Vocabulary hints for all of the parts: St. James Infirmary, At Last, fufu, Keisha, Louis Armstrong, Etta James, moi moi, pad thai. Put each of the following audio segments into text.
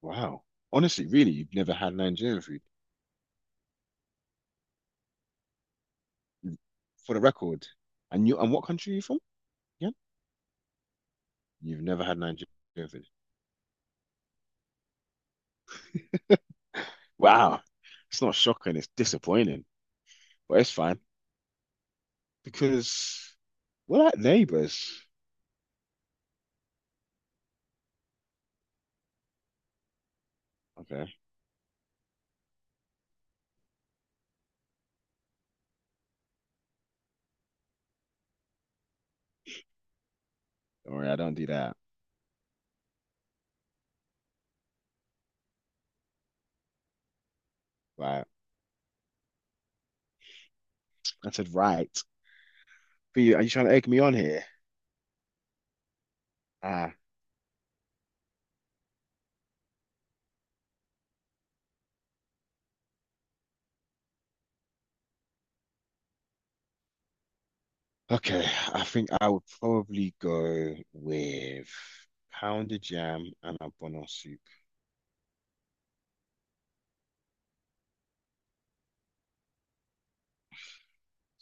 Wow. Honestly, really, you've never had Nigerian food for the record. And what country are you from? Yeah. You've never had Nigerian food. Wow. It's not shocking, it's disappointing. But it's fine. Because we're like neighbors. Okay. Don't worry, I don't do that. Right. I said right. Are you trying to egg me on here? Ah. Okay. I think I would probably go with pounded yam and a bono soup.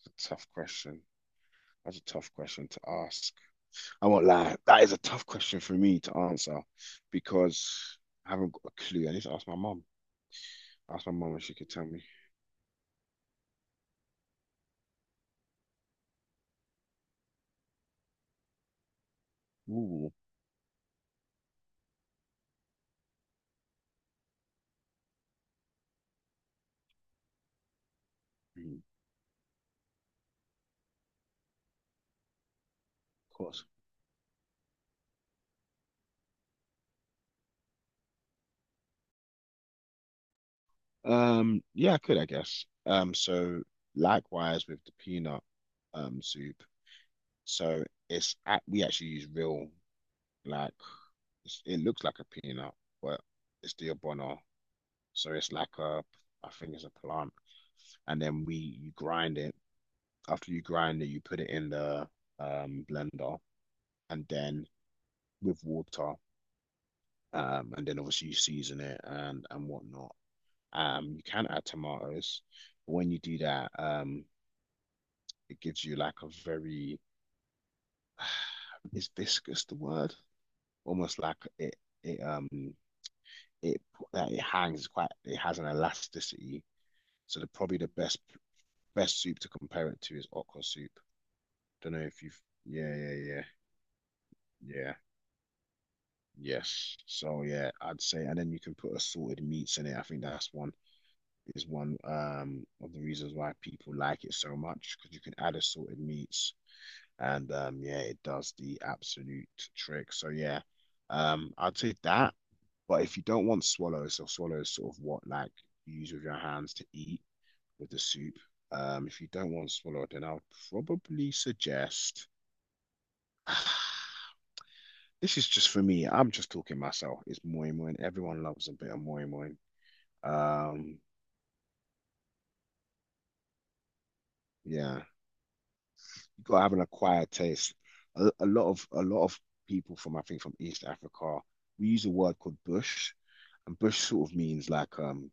It's a tough question. That's a tough question to ask. I won't lie. That is a tough question for me to answer because I haven't got a clue. I need to ask my mom. Ask my mom if she could tell me. Ooh, mm, of course. Yeah, I could, I guess. So likewise with the peanut soup. So we actually use real like it looks like a peanut, but it's the abono. So it's like a I think it's a plant, and then we you grind it. After you grind it, you put it in the blender and then with water, and then obviously you season it and whatnot. You can add tomatoes, but when you do that. It gives you like a very Is viscous the word? Almost like it um it that it hangs, quite, it has an elasticity. So the probably the best soup to compare it to is okra soup. Don't know if you've. Yeah, yeah, yeah, yeah, yes. So yeah, I'd say, and then you can put assorted meats in it. I think that's one is one of the reasons why people like it so much, because you can add assorted meats and yeah, it does the absolute trick. So yeah, I'd say that. But if you don't want swallows, so swallows sort of, what, like you use with your hands to eat with the soup. If you don't want swallow, then I'll probably suggest. This is just for me. I'm just talking myself. It's moi moi. Everyone loves a bit of moi moi. Um, yeah. You got to have an acquired taste. A lot of people, from I think, from East Africa, we use a word called bush, and bush sort of means like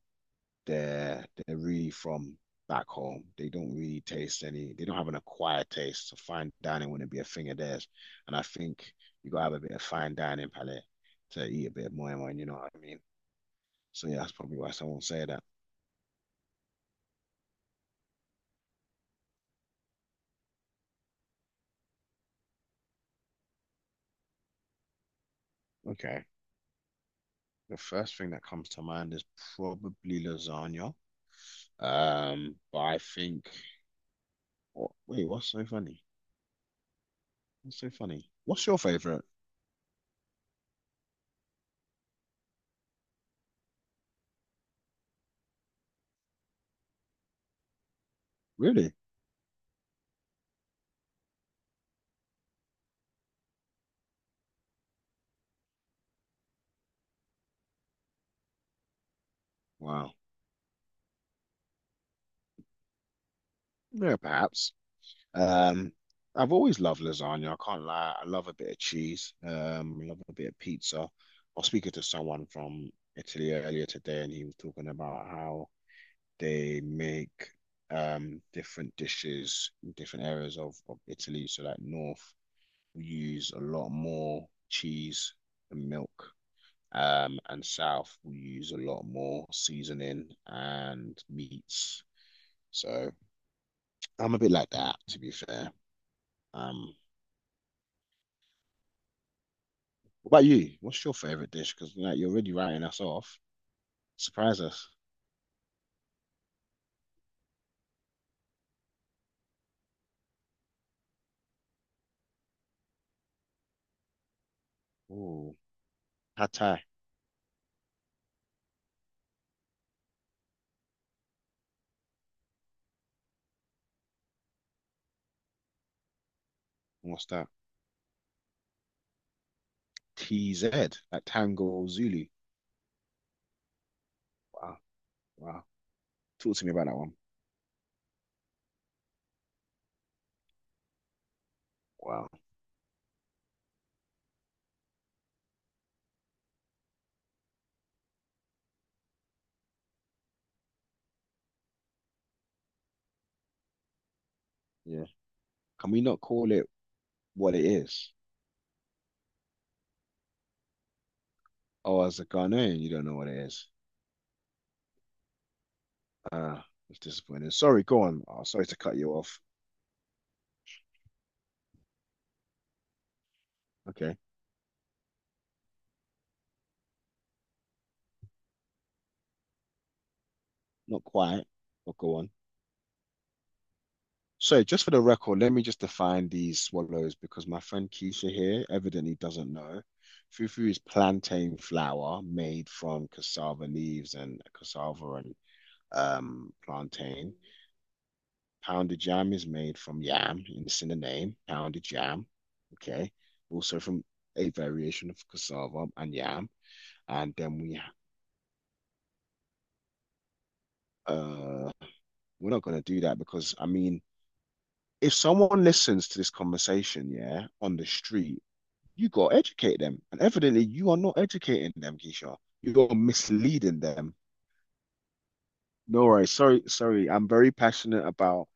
they're really from back home. They don't really taste any. They don't have an acquired taste. So fine dining wouldn't be a thing of theirs. And I think you gotta have a bit of fine dining palate to eat a bit of moi moi. You know what I mean? So yeah, that's probably why someone say that. Okay, the first thing that comes to mind is probably lasagna. But I think. What, wait, what's so funny? What's so funny? What's your favorite? Really? Wow. Yeah, perhaps. Um, I've always loved lasagna. I can't lie. I love a bit of cheese. I love a bit of pizza. I was speaking to someone from Italy earlier today, and he was talking about how they make different dishes in different areas of Italy. So like north, we use a lot more cheese and milk. And south, we use a lot more seasoning and meats. So I'm a bit like that, to be fair. Um, what about you? What's your favorite dish? Because like you're already writing us off. Surprise us. Oh, pad thai. What's that? TZ, like Tango Zulu. Wow, wow. Talk to me about that one. Wow. Yeah. Can we not call it what it is? Oh, as a Ghanaian, you don't know what it is. Ah, it's disappointing. Sorry, go on. Oh, sorry to cut you off. Okay. Not quite, but go on. So, just for the record, let me just define these swallows because my friend Keisha here evidently doesn't know. Fufu is plantain flour made from cassava leaves and cassava and plantain. Pounded jam is made from yam, and it's in the name, pounded jam. Okay. Also from a variation of cassava and yam. And then uh, we're not going to do that because, I mean, if someone listens to this conversation, yeah, on the street, you got to educate them. And evidently, you are not educating them, Keisha. You're misleading them. No worries. Sorry, sorry. I'm very passionate about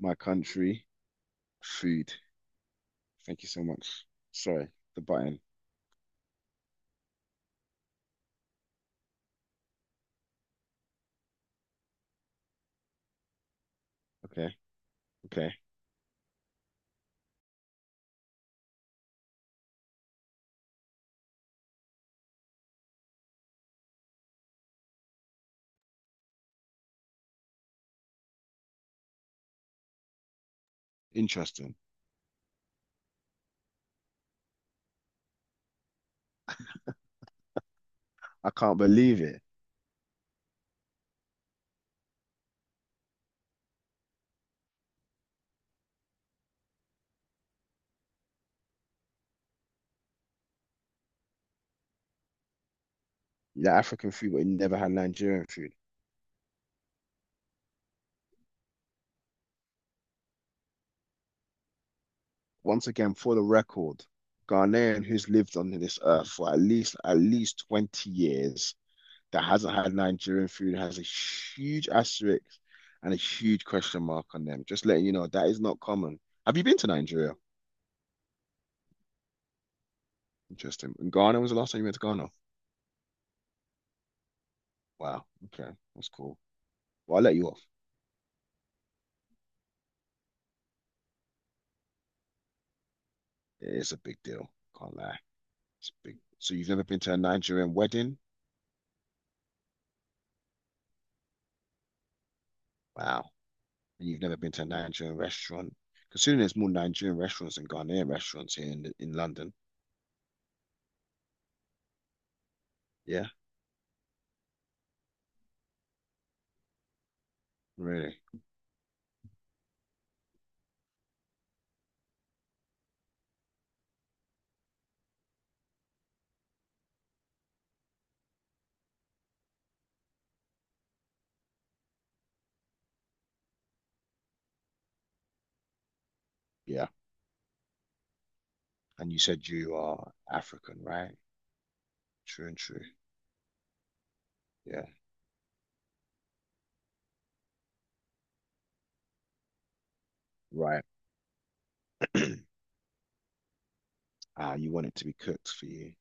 my country, food. Thank you so much. Sorry, the button. Okay, okay. Interesting. I can't believe it. Yeah, African food, but you never had Nigerian food. Once again, for the record, Ghanaian who's lived on this earth for at least 20 years that hasn't had Nigerian food has a huge asterisk and a huge question mark on them. Just letting you know that is not common. Have you been to Nigeria? Interesting. And Ghana, was the last time you went to Ghana? Wow. Okay. That's cool. Well, I'll let you off. It is a big deal. Can't lie. It's big. So you've never been to a Nigerian wedding? Wow. And you've never been to a Nigerian restaurant? Considering there's more Nigerian restaurants than Ghanaian restaurants here in London. Yeah, really. Yeah. And you said you are African, right? True and true. Yeah. Right. Ah, you want it to be cooked for you.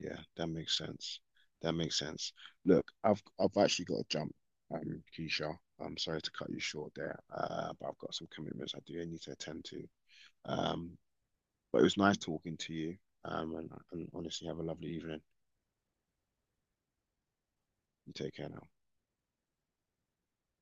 Yeah, that makes sense. That makes sense. Look, I've actually got to jump, Keisha. I'm sorry to cut you short there, but I've got some commitments I do need to attend to. Um, but it was nice talking to you. And honestly, have a lovely evening. You take care now.